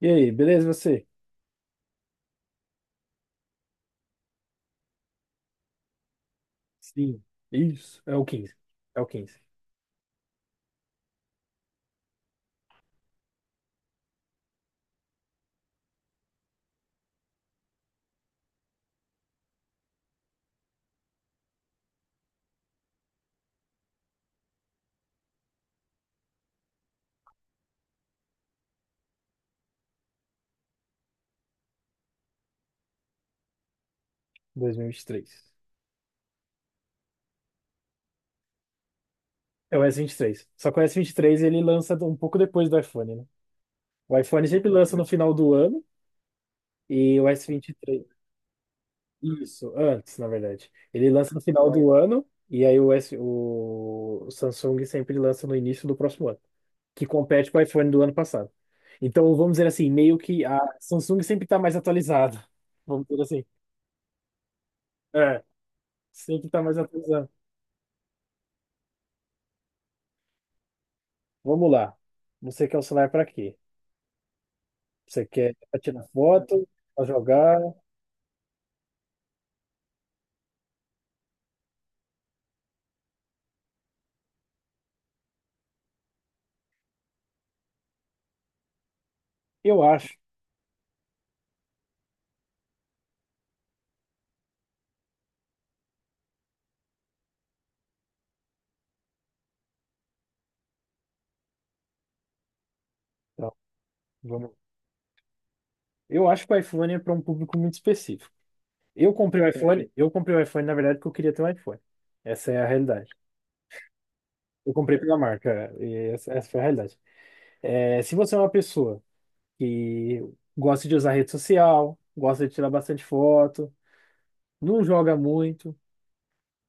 E aí, beleza você? Sim. Isso, é o quinze. É o quinze. 2023. É o S23. Só que o S23 ele lança um pouco depois do iPhone, né? O iPhone sempre lança no final do ano e o S23... Isso, antes, na verdade. Ele lança no final do ano e aí o, S, o Samsung sempre lança no início do próximo ano, que compete com o iPhone do ano passado. Então, vamos dizer assim, meio que a Samsung sempre está mais atualizada. Vamos dizer assim. É, sempre está mais atualizada. Vamos lá. Você quer o celular para quê? Você quer para tirar foto, para jogar? Eu acho. Então, vamos. Eu acho que o iPhone é para um público muito específico. Eu comprei o iPhone, eu comprei o iPhone, na verdade, porque eu queria ter um iPhone. Essa é a realidade. Eu comprei pela marca, e essa foi a realidade. É, se você é uma pessoa que gosta de usar rede social, gosta de tirar bastante foto, não joga muito.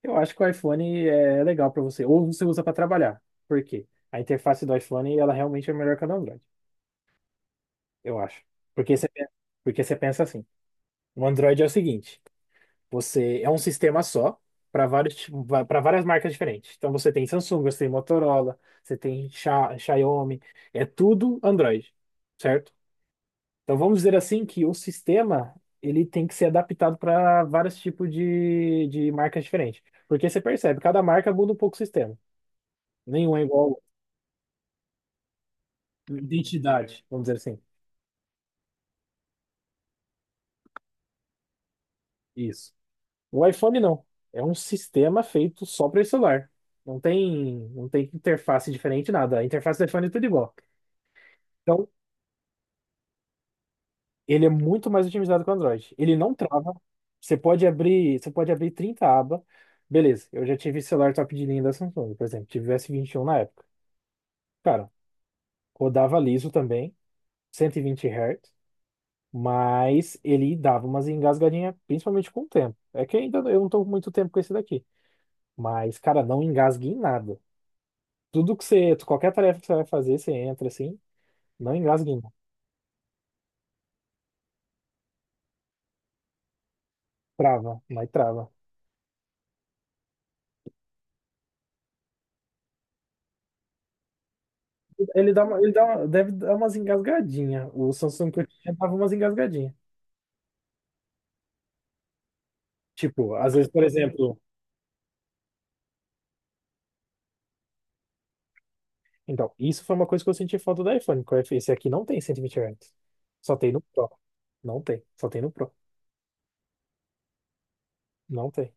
Eu acho que o iPhone é legal para você, ou você usa para trabalhar. Por quê? A interface do iPhone, ela realmente é melhor que a do Android, eu acho. Porque você, pe- Porque você pensa assim, o Android é o seguinte, você é um sistema só para vários para várias marcas diferentes. Então você tem Samsung, você tem Motorola, você tem Xiaomi, é tudo Android, certo? Então vamos dizer assim que o sistema, ele tem que ser adaptado para vários tipos de marcas diferentes. Porque você percebe, cada marca muda um pouco o sistema. Nenhum é igual à identidade, vamos dizer assim. Isso. O iPhone não. É um sistema feito só para esse celular. Não tem interface diferente, nada. A interface do iPhone é tudo igual. Então, ele é muito mais otimizado que o Android. Ele não trava. Você pode abrir 30 abas. Beleza, eu já tive celular top de linha da Samsung, por exemplo. Tive o S21 na época. Cara, rodava liso também, 120 Hz, mas ele dava umas engasgadinhas, principalmente com o tempo. É que ainda eu não tô com muito tempo com esse daqui. Mas, cara, não engasgue em nada. Tudo que você, qualquer tarefa que você vai fazer, você entra assim, não engasgue em nada. Trava, mas trava. Deve dar umas engasgadinhas. O Samsung que eu tinha dava umas engasgadinhas. Tipo, às vezes, por exemplo, então, isso foi uma coisa que eu senti falta do iPhone, esse aqui não tem 120 Hz. Só tem no Pro. Não tem, só tem no Pro. Não tem.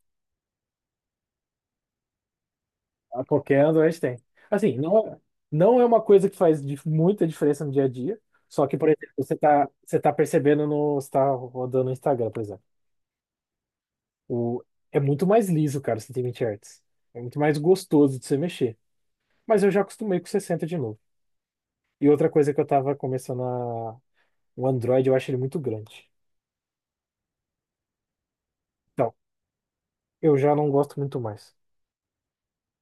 A qualquer Android tem. Assim, não é uma coisa que faz muita diferença no dia a dia. Só que, por exemplo, você tá percebendo você tá rodando no Instagram, por exemplo. O, É muito mais liso, cara, o 120 Hz. É muito mais gostoso de você mexer. Mas eu já acostumei com 60 de novo. E outra coisa que eu tava começando a... O Android, eu acho ele muito grande. Então, eu já não gosto muito mais.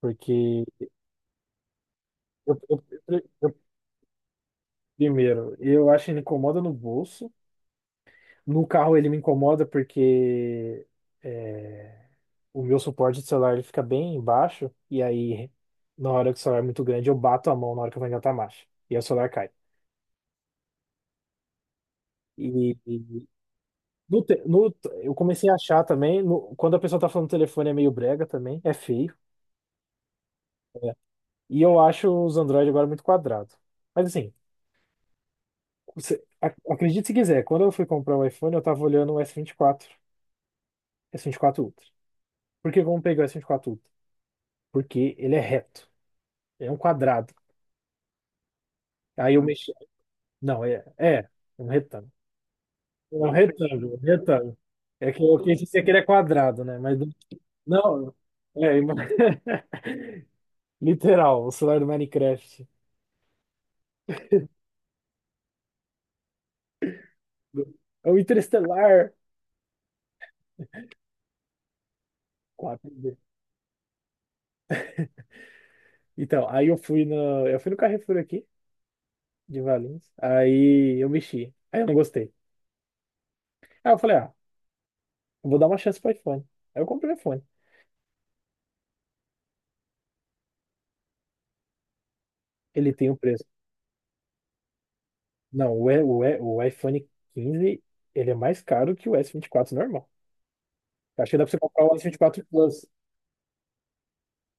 Porque, eu, eu- eu- eu- primeiro, eu acho que ele incomoda no bolso. No carro ele me incomoda porque é, o meu suporte de celular ele fica bem embaixo e aí na hora que o celular é muito grande eu bato a mão na hora que eu vou engatar a marcha e aí o celular cai. E no, te- no- eu comecei a achar também, quando a pessoa tá falando no telefone é meio brega também, é feio. É. E eu acho os Android agora muito quadrado. Mas assim, acredite se quiser, quando eu fui comprar o iPhone eu tava olhando o S24 S24 Ultra. Por que vamos pegar o S24 Ultra? Porque ele é reto. Ele é um quadrado. Aí eu mexi. Não, é, é um retângulo. É um retângulo, um retângulo. É que eu quis dizer que ele é quadrado, né? Mas não, é ima- literal, o celular do Minecraft. É o Interestelar. 4D Então, aí eu fui no Carrefour aqui de Valinhos. Aí eu mexi. Aí eu não gostei. Aí eu falei, ah, eu vou dar uma chance pro iPhone. Aí eu comprei o iPhone. Ele tem um preço. Não, o iPhone 15 ele é mais caro que o S24 normal. Acho que dá pra você comprar o S24 Plus.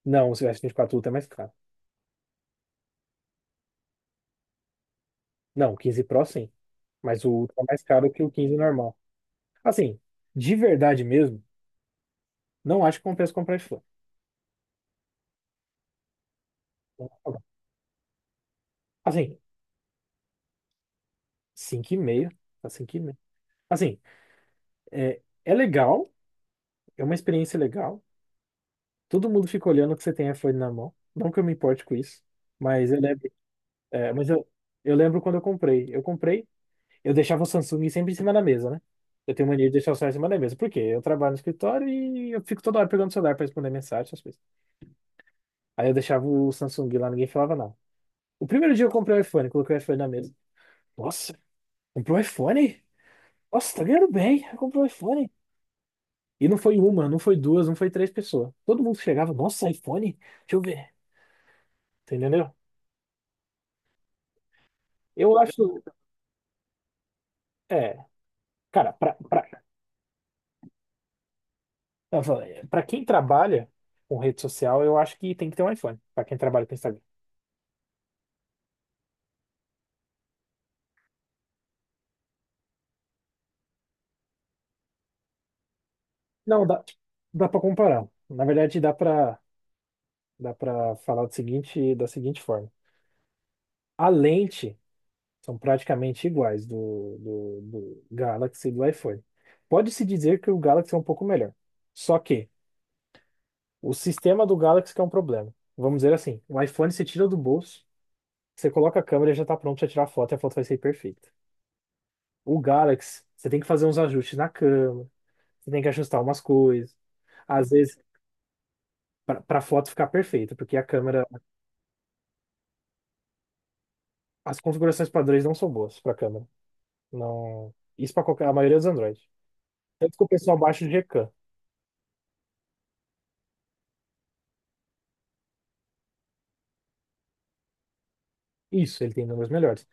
Não, o S24 Ultra é mais caro. Não, o 15 Pro sim. Mas o Ultra é mais caro que o 15 normal. Assim, de verdade mesmo, não acho que compensa comprar esse fone. Assim, 5,5. Tá 5,5. Assim, é, é legal. É uma experiência legal. Todo mundo fica olhando que você tem iPhone na mão. Não que eu me importe com isso. Mas eu lembro. É, mas eu lembro quando eu comprei. Eu comprei. Eu deixava o Samsung sempre em cima da mesa, né? Eu tenho mania de deixar o celular em cima da mesa. Por quê? Eu trabalho no escritório e eu fico toda hora pegando o celular pra responder mensagem, essas coisas. Aí eu deixava o Samsung lá, ninguém falava nada. O primeiro dia eu comprei o iPhone, coloquei o iPhone na mesa. Nossa, comprou o iPhone? Nossa, tá ganhando bem, comprou o iPhone. E não foi uma, não foi duas, não foi três pessoas. Todo mundo chegava, nossa, iPhone? Deixa eu ver. Você entendeu? Eu acho, é, cara, eu falo, é, pra quem trabalha com rede social, eu acho que tem que ter um iPhone. Pra quem trabalha com Instagram. Não, dá para comparar. Na verdade, dá para falar do seguinte, da seguinte forma. A lente são praticamente iguais do Galaxy e do iPhone. Pode-se dizer que o Galaxy é um pouco melhor. Só que o sistema do Galaxy que é um problema. Vamos dizer assim, o iPhone você tira do bolso, você coloca a câmera e já está pronto para tirar a foto e a foto vai sair perfeita. O Galaxy, você tem que fazer uns ajustes na câmera, você tem que ajustar umas coisas. Às vezes, para a foto ficar perfeita, porque a câmera... As configurações padrões não são boas para câmera. Não, isso para qualquer, a maioria dos Android. Tanto que o pessoal baixa de Recan. Isso, ele tem números melhores.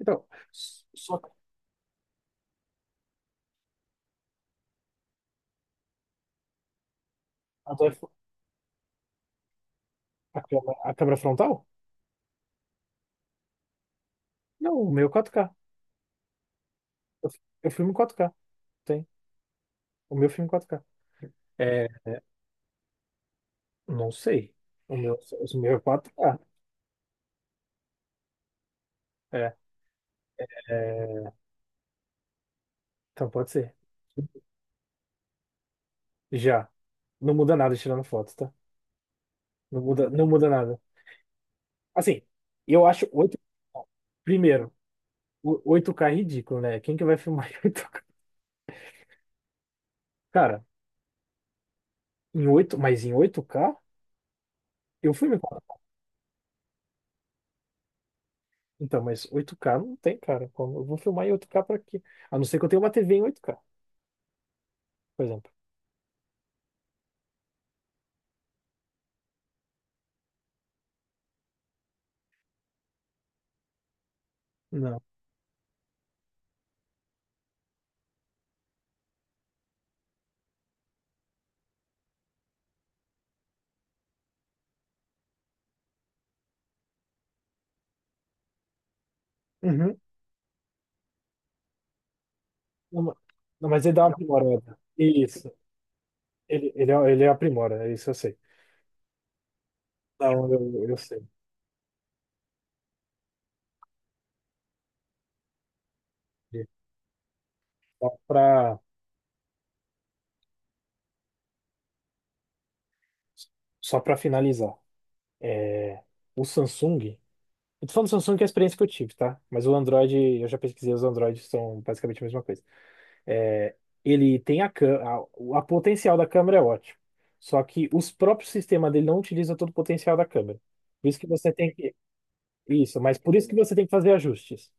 Então, só que a, do iPhone- a câmera frontal? Não, o meu 4K. Eu filmo em 4K. Tem. O meu filme 4K. É, é, não sei. O meu, o meu é 4K. É, é, então pode ser. Já. Não muda nada tirando foto, tá? Não muda, não muda nada. Assim, eu acho oito. Primeiro, 8K é ridículo, né? Quem que vai filmar em 8K? Cara, em 8 mas em 8K. Eu fui me comprar. Então, mas 8K não tem, cara. Como eu vou filmar em 8K pra quê? A não ser que eu tenha uma TV em 8K, por exemplo. Não. Uhum. Não, ma- não, mas ele dá uma aprimorada. Isso. É, ele aprimora, é isso eu sei. Não, eu sei. Só pra, só pra finalizar. É, o Samsung. Eu tô falando do Samsung que é a experiência que eu tive, tá? Mas o Android, eu já pesquisei, os Androids são basicamente a mesma coisa. É. Ele tem a, cã- a, o- a potencial da câmera é ótimo. Só que os próprios sistemas dele não utilizam todo o potencial da câmera. Por isso que você tem que... Isso, mas por isso que você tem que fazer ajustes.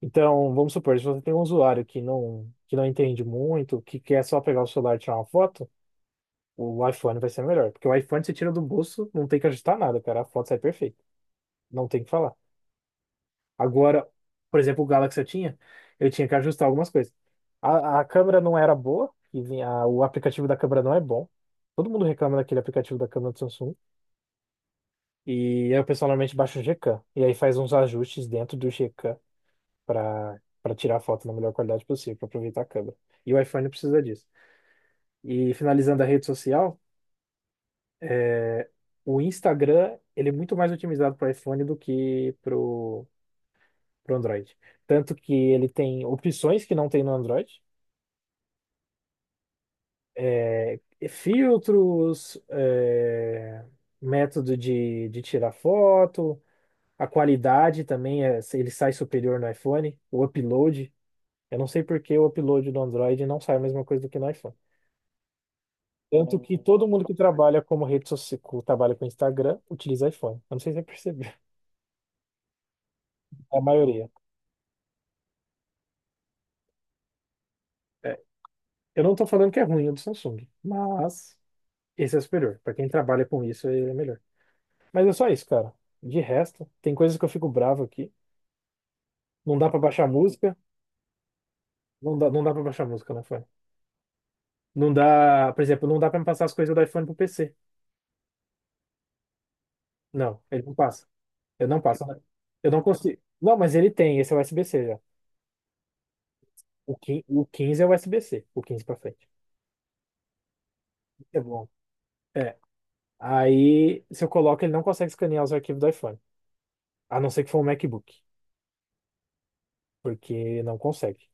Então, vamos supor, se você tem um usuário que não entende muito, que quer só pegar o celular e tirar uma foto, o iPhone vai ser melhor. Porque o iPhone você tira do bolso, não tem que ajustar nada, cara. A foto sai perfeita. Não tem o que falar. Agora, por exemplo, o Galaxy eu tinha que ajustar algumas coisas. A câmera não era boa, e vinha, o aplicativo da câmera não é bom. Todo mundo reclama daquele aplicativo da câmera do Samsung. E eu pessoalmente baixo o Gcam. E aí faz uns ajustes dentro do Gcam para tirar a foto na melhor qualidade possível, para aproveitar a câmera. E o iPhone precisa disso. E finalizando a rede social, é, o Instagram, ele é muito mais otimizado para iPhone do que pro Android. Tanto que ele tem opções que não tem no Android. É, filtros, é, método de tirar foto, a qualidade também, é, ele sai superior no iPhone, o upload. Eu não sei por que o upload do Android não sai a mesma coisa do que no iPhone. Tanto que todo mundo que trabalha como rede social, trabalha com Instagram, utiliza iPhone. Eu não sei se você percebeu, a maioria. É, eu não estou falando que é ruim o do Samsung, mas esse é superior. Para quem trabalha com isso, ele é melhor. Mas é só isso, cara. De resto, tem coisas que eu fico bravo aqui. Não dá pra baixar música. Não dá para baixar música no iPhone. Não dá, por exemplo, não dá pra me passar as coisas do iPhone pro PC. Não, ele não passa. Eu não passo, né? Eu não consigo. Não, mas ele tem, esse é USB-C já. O quinze é USB-C, o 15 pra frente. É bom. É. Aí, se eu coloco, ele não consegue escanear os arquivos do iPhone. A não ser que for um MacBook, porque não consegue.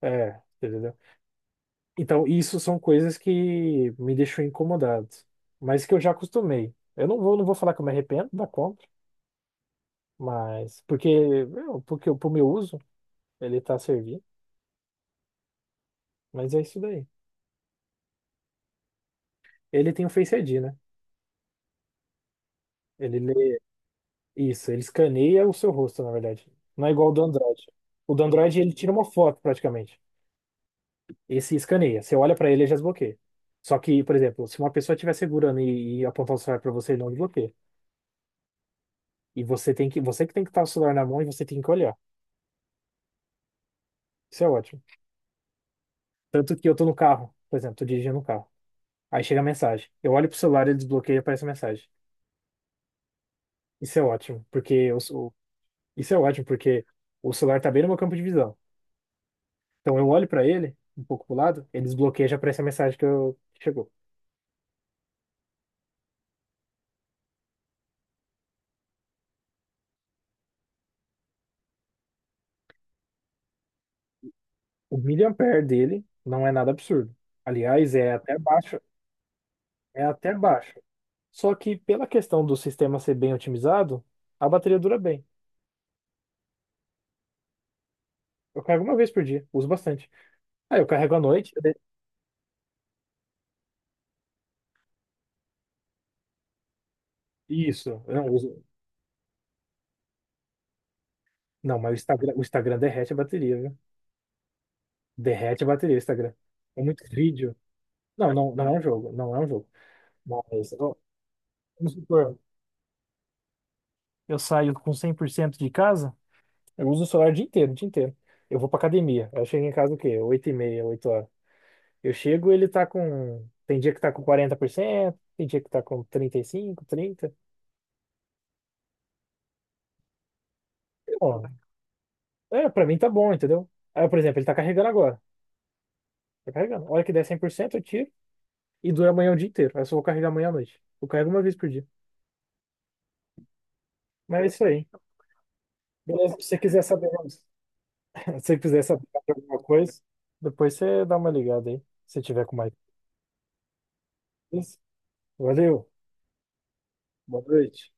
É, entendeu? Então, isso são coisas que me deixam incomodado, mas que eu já acostumei. Eu não vou falar que eu me arrependo da compra. Mas, porque, meu, porque pro meu uso, ele tá servindo, mas é isso daí. Ele tem o Face ID, né? Ele lê isso, ele escaneia o seu rosto, na verdade. Não é igual o do Android. O do Android, ele tira uma foto, praticamente. Esse escaneia. Você olha pra ele, ele já desbloqueia. Só que, por exemplo, se uma pessoa estiver segurando e apontar o celular pra você, ele não desbloqueia. E você tem que, você que tem que estar o celular na mão e você tem que olhar. Isso é ótimo. Tanto que eu tô no carro, por exemplo, tô dirigindo um carro. Aí chega a mensagem. Eu olho pro celular, ele desbloqueia e aparece a mensagem. Isso é ótimo, porque eu, isso é ótimo, porque o celular tá bem no meu campo de visão. Então eu olho para ele, um pouco pro lado, ele desbloqueia e já aparece a mensagem que, eu, que chegou. O miliampere dele não é nada absurdo. Aliás, é até baixo. É até baixo. Só que pela questão do sistema ser bem otimizado, a bateria dura bem. Eu carrego uma vez por dia, uso bastante. Aí eu carrego à noite. Isso, eu não uso. Não, mas o Instagram derrete a bateria, viu? Derrete a bateria, o Instagram. É muito vídeo. Não, não, não é um jogo. Mas, ó, vamos supor, eu saio com 100% de casa, eu uso o celular o dia inteiro, o dia inteiro. Eu vou pra academia. Eu chego em casa o quê? Oito e meia, 8 horas. Eu chego, ele tá com. Tem dia que tá com 40%, tem dia que tá com 35, 30. Bom, é, pra mim tá bom, entendeu? Aí, por exemplo, ele tá carregando agora. Tá carregando. A hora que der 100%, eu tiro e dura amanhã o dia inteiro. Aí eu só vou carregar amanhã à noite. Eu carrego uma vez por dia. Mas é isso aí. Beleza? Se você quiser saber mais, se você quiser saber mais alguma coisa, depois você dá uma ligada aí, se tiver com mais. Valeu! Boa noite.